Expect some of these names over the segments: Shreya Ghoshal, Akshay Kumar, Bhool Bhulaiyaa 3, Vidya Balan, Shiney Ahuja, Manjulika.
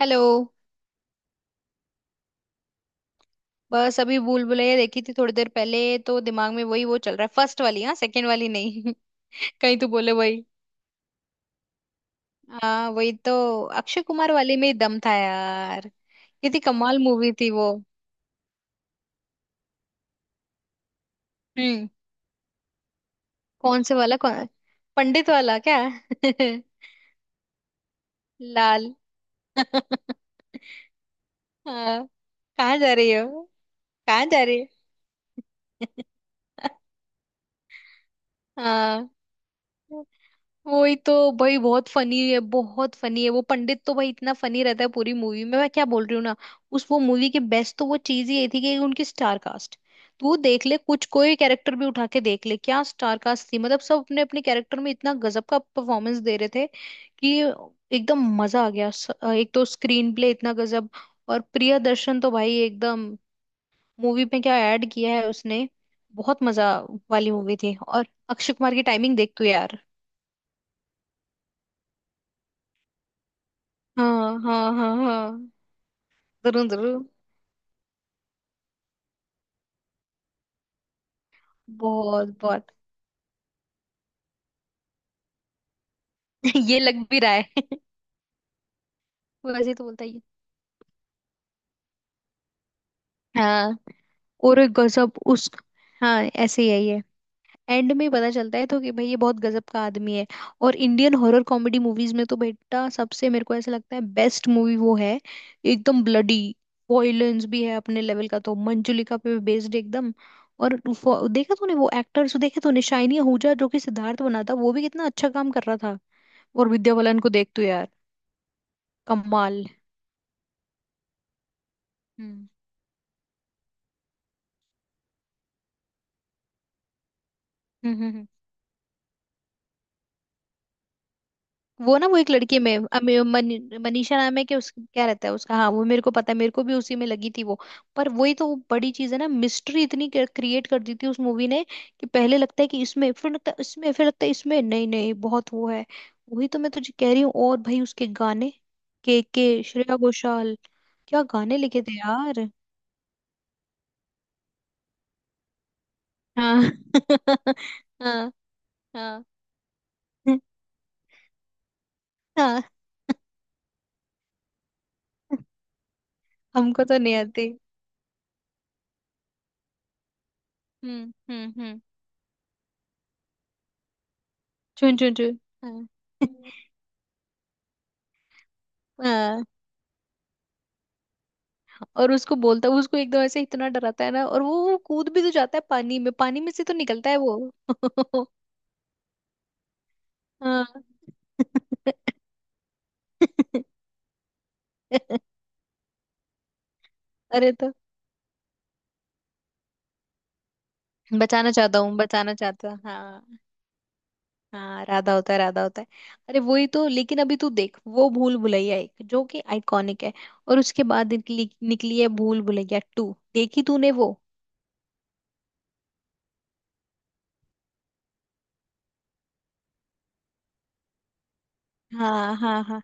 Hello. बस अभी भूल भुलैया देखी थी थोड़ी देर पहले, तो दिमाग में वही वो चल रहा है। फर्स्ट वाली, हाँ, सेकंड वाली नहीं। कहीं तो बोले वही। हाँ, वही तो। अक्षय कुमार वाली में ही दम था यार। कितनी कमाल मूवी थी वो। हम्म। कौन से वाला? कौन, पंडित वाला क्या? लाल। हाँ। कहाँ जा रही हो? कहाँ जा रही हो? हाँ, वही तो। भाई बहुत फनी है, बहुत फनी है वो पंडित तो। भाई इतना फनी रहता है पूरी मूवी में। मैं क्या बोल रही हूँ ना, उस वो मूवी की बेस्ट तो वो चीज ही ये थी कि उनकी स्टार कास्ट। तू देख ले, कुछ कोई कैरेक्टर भी उठा के देख ले, क्या स्टार कास्ट थी। मतलब सब अपने अपने कैरेक्टर में इतना गजब का परफॉर्मेंस दे रहे थे कि एकदम मजा आ गया। एक तो स्क्रीन प्ले इतना गजब। और प्रियदर्शन तो भाई एकदम, मूवी में क्या ऐड किया है उसने। बहुत मजा वाली मूवी थी। और अक्षय कुमार की टाइमिंग देख तू यार। हाँ हाँ हाँ हाँ। जरूर जरूर। बहुत बहुत। ये लग भी रहा है। वैसे तो बोलता ही है। हाँ। और एक गजब उस। हाँ, ऐसे ही है ये। एंड में पता चलता है तो कि भाई ये बहुत गजब का आदमी है। और इंडियन हॉरर कॉमेडी मूवीज में तो बेटा, सबसे मेरे को ऐसा लगता है बेस्ट मूवी वो है। एकदम ब्लडी वॉयलेंस भी है अपने लेवल का। तो मंजुलिका पे बेस्ड एकदम। देखा तूने वो एक्टर्स? देखे तूने? शाइनी आहूजा जो कि सिद्धार्थ बना था, वो भी कितना अच्छा काम कर रहा। और विद्या बालन को देख तू यार। कमाल। हम्म। हम्म हम्म, हम्म। वो ना, वो एक लड़की में मनीषा नाम है कि उस क्या रहता है उसका। हाँ वो मेरे को पता है, मेरे को भी उसी में लगी थी वो। पर वही तो बड़ी चीज है ना, मिस्ट्री इतनी क्रिएट कर दी थी उस मूवी ने कि पहले लगता है कि इसमें, फिर लगता है इसमें, फिर लगता है इसमें, नहीं नहीं बहुत वो है। वही तो मैं तुझे कह रही हूँ। और भाई उसके गाने, के, श्रेया घोषाल, क्या गाने लिखे थे यार। हाँ। हाँ हाँ हाँ। हमको तो नहीं आते। हम्म। चुन चुन चुन। हम्म। हाँ। और उसको बोलता है, उसको एकदम ऐसे इतना डराता है ना, और वो कूद भी तो जाता है पानी में। पानी में से तो निकलता है वो। हाँ। अरे तो बचाना चाहता हूँ, बचाना चाहता हूँ। हाँ हाँ, राधा होता है, राधा होता है। अरे वही तो। लेकिन अभी तू देख, वो भूल भुलैया एक जो कि आइकॉनिक है। और उसके बाद निकली, निकली है भूल भुलैया टू। देखी तूने वो? हाँ हाँ हाँ।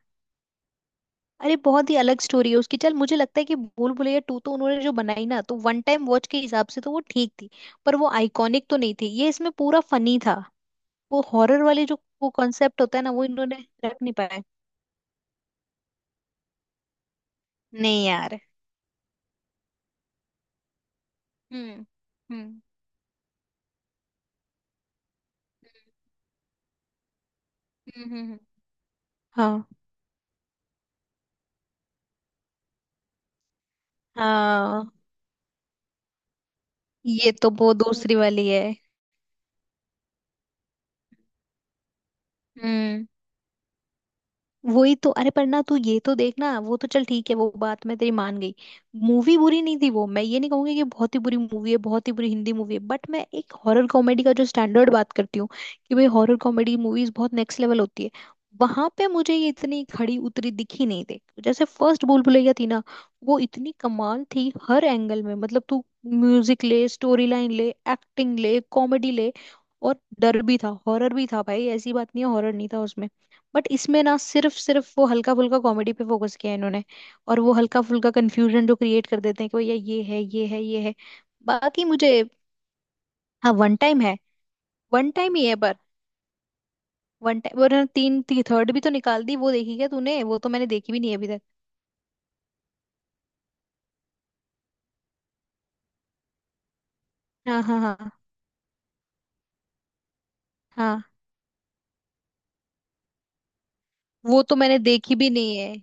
अरे बहुत ही अलग स्टोरी है उसकी। चल मुझे लगता है कि भूल भुलैया टू तो उन्होंने जो बनाई ना, तो वन टाइम वॉच के हिसाब से तो वो ठीक थी। पर वो आइकॉनिक तो नहीं थी। ये इसमें पूरा फनी था। वो हॉरर वाले जो वो कॉन्सेप्ट होता है ना, वो इन्होंने रख नहीं पाया। नहीं यार। हम्म हम्म हम्म। हाँ। हाँ ये तो वो दूसरी वाली है। हम्म। वही तो। अरे पर ना तू ये तो देखना, वो तो चल ठीक है, वो बात मैं तेरी मान गई। मूवी बुरी नहीं थी वो, मैं ये नहीं कहूंगी कि बहुत ही बुरी मूवी है, बहुत ही बुरी हिंदी मूवी है। बट मैं एक हॉरर कॉमेडी का जो स्टैंडर्ड बात करती हूँ कि भाई हॉरर कॉमेडी मूवीज बहुत नेक्स्ट लेवल होती है, वहां पे मुझे ये इतनी खड़ी उतरी दिखी नहीं थी जैसे फर्स्ट भूल भुलैया थी ना। वो इतनी कमाल थी हर एंगल में। मतलब तू म्यूजिक ले, स्टोरी लाइन ले, एक्टिंग ले, कॉमेडी ले। और डर भी था, हॉरर भी था, भाई ऐसी बात नहीं है हॉरर नहीं था उसमें। बट इसमें ना सिर्फ सिर्फ वो हल्का फुल्का कॉमेडी पे फोकस किया है इन्होंने। और वो हल्का फुल्का कंफ्यूजन जो क्रिएट कर देते हैं कि भैया ये है, ये है, ये है। बाकी मुझे, हाँ वन टाइम है, वन टाइम ही है। पर वन टाइम। और तीन थी, थर्ड भी तो निकाल दी, वो देखी क्या तूने? वो तो मैंने देखी भी नहीं है अभी तक। हाँ हाँ हाँ हाँ। वो तो मैंने देखी भी नहीं है।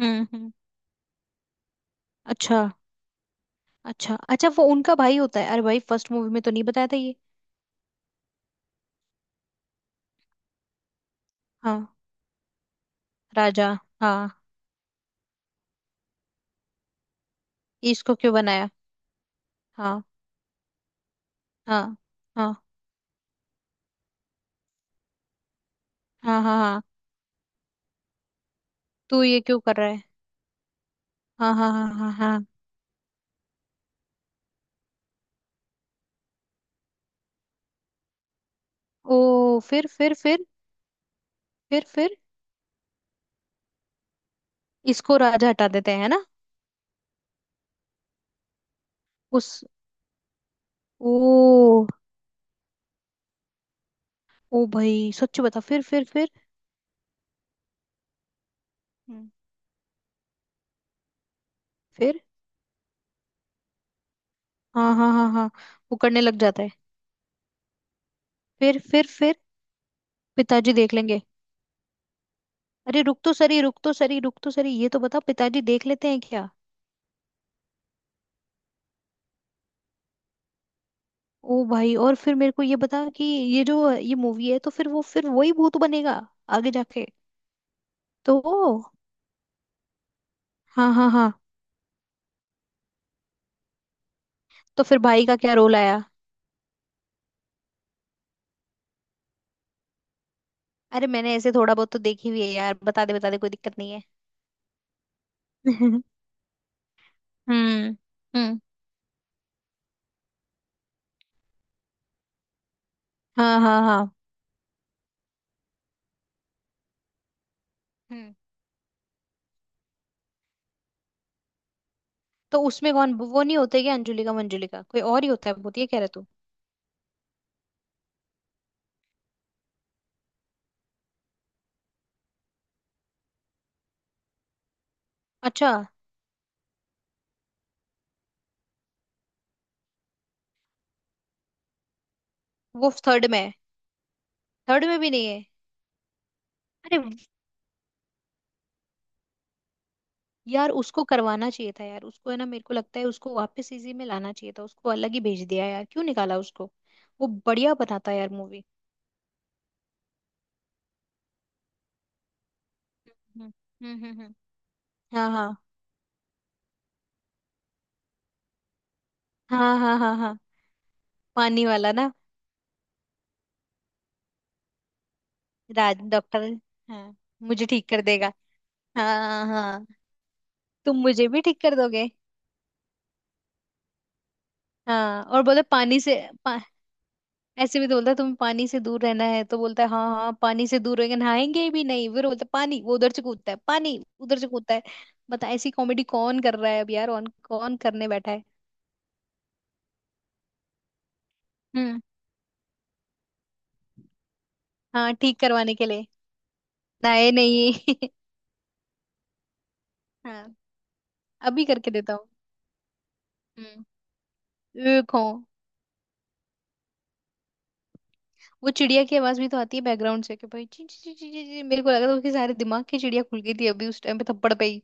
हम्म। अच्छा। अच्छा अच्छा, वो उनका भाई होता है? अरे भाई फर्स्ट मूवी में तो नहीं बताया था ये। हाँ। राजा। हाँ। इसको क्यों बनाया? हाँ हाँ हाँ। हाँ हाँ हाँ। तू ये क्यों कर रहा है? हाँ हाँ हाँ हाँ हाँ। ओ फिर फिर। फिर, इसको राजा हटा देते हैं ना। उस, ओ, ओ भाई सच बता, फिर फिर। हम्म। फिर। हाँ हाँ हाँ हाँ। वो करने लग जाता है। फिर फिर। पिताजी देख लेंगे। अरे रुक तो सरी, रुक तो सरी, रुक तो सरी, ये तो बता पिताजी देख लेते हैं क्या? ओ भाई, और फिर मेरे को ये बता कि ये जो ये मूवी है, तो फिर वो फिर वही भूत बनेगा आगे जाके? तो, हाँ हाँ हाँ। तो फिर भाई का क्या रोल आया? अरे मैंने ऐसे थोड़ा बहुत तो देखी हुई है यार, बता दे बता दे, कोई दिक्कत नहीं है। हम्म। हम्म। हाँ हाँ हाँ। हम्म। तो उसमें कौन, वो नहीं होते क्या अंजुलिका मंजुलिका, कोई और ही होता है, वो ये कह रहे तू? अच्छा। वो थर्ड में है? थर्ड में भी नहीं है? अरे। यार उसको करवाना चाहिए था यार उसको, है ना। मेरे को लगता है उसको वापस इसी में लाना चाहिए था, उसको अलग ही भेज दिया यार, क्यों निकाला उसको। वो बढ़िया बनाता यार मूवी। हम्म। हम्म हम्म, हम्म। हाँ हाँ। हाँ हाँ हाँ। हाँ पानी वाला ना। राज डॉक्टर। हाँ। मुझे ठीक कर देगा। हाँ हाँ। तुम मुझे भी ठीक कर दोगे। हाँ, और बोले पानी से, पा, ऐसे भी तो बोलता है तुम्हें पानी से दूर रहना है, तो बोलता है हाँ हाँ पानी से दूर रहेंगे, नहाएंगे भी नहीं। फिर बोलता है पानी, वो उधर से कूदता है, पानी उधर से कूदता है। बता ऐसी कॉमेडी कौन कर रहा है अब यार, कौन कौन करने बैठा है। हम्म। हाँ, ठीक करवाने के लिए। नहाए नहीं। हाँ। अभी करके देता हूँ। हम्म। देखो, वो चिड़िया की आवाज भी तो आती है बैकग्राउंड से कि भाई ची ची ची ची ची। मेरे को लगा था उसके सारे दिमाग की चिड़िया खुल गई थी अभी उस टाइम पे, थप्पड़ पे ही।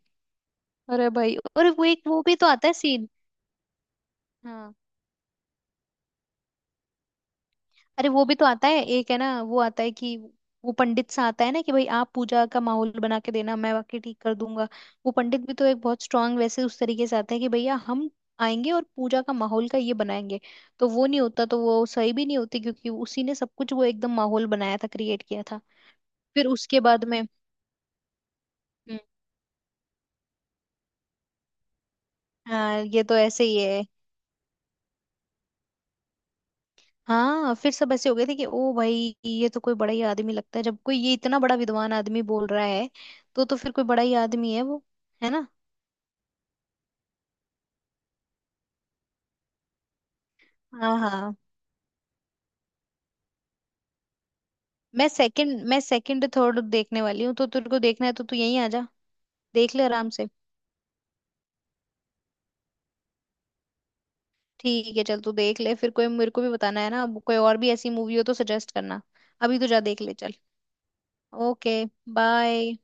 अरे भाई, और वो एक वो भी तो आता है सीन। हाँ। अरे वो भी तो आता है, एक है ना वो आता है कि वो पंडित सा आता है ना कि भाई आप पूजा का माहौल बना के देना, मैं बाकी ठीक कर दूंगा। वो पंडित भी तो एक बहुत स्ट्रांग वैसे उस तरीके से आता है कि भैया हम आएंगे और पूजा का माहौल का ये बनाएंगे। तो वो नहीं होता तो वो सही भी नहीं होती, क्योंकि उसी ने सब कुछ वो एकदम माहौल बनाया था, क्रिएट किया था। फिर उसके बाद में, हम्म, हाँ ये तो ऐसे ही है। हाँ फिर सब ऐसे हो गए थे कि ओ भाई ये तो कोई बड़ा ही आदमी लगता है, जब कोई ये इतना बड़ा विद्वान आदमी बोल रहा है तो फिर कोई बड़ा ही आदमी है वो। है ना। हाँ हाँ। मैं सेकंड, मैं सेकंड थर्ड देखने वाली हूँ, तो तेरे को देखना है तो तू यहीं आ जा। देख ले आराम से। ठीक है चल तू देख ले, फिर कोई मेरे को भी बताना है ना, अब कोई और भी ऐसी मूवी हो तो सजेस्ट करना। अभी तो जा देख ले चल। Okay bye.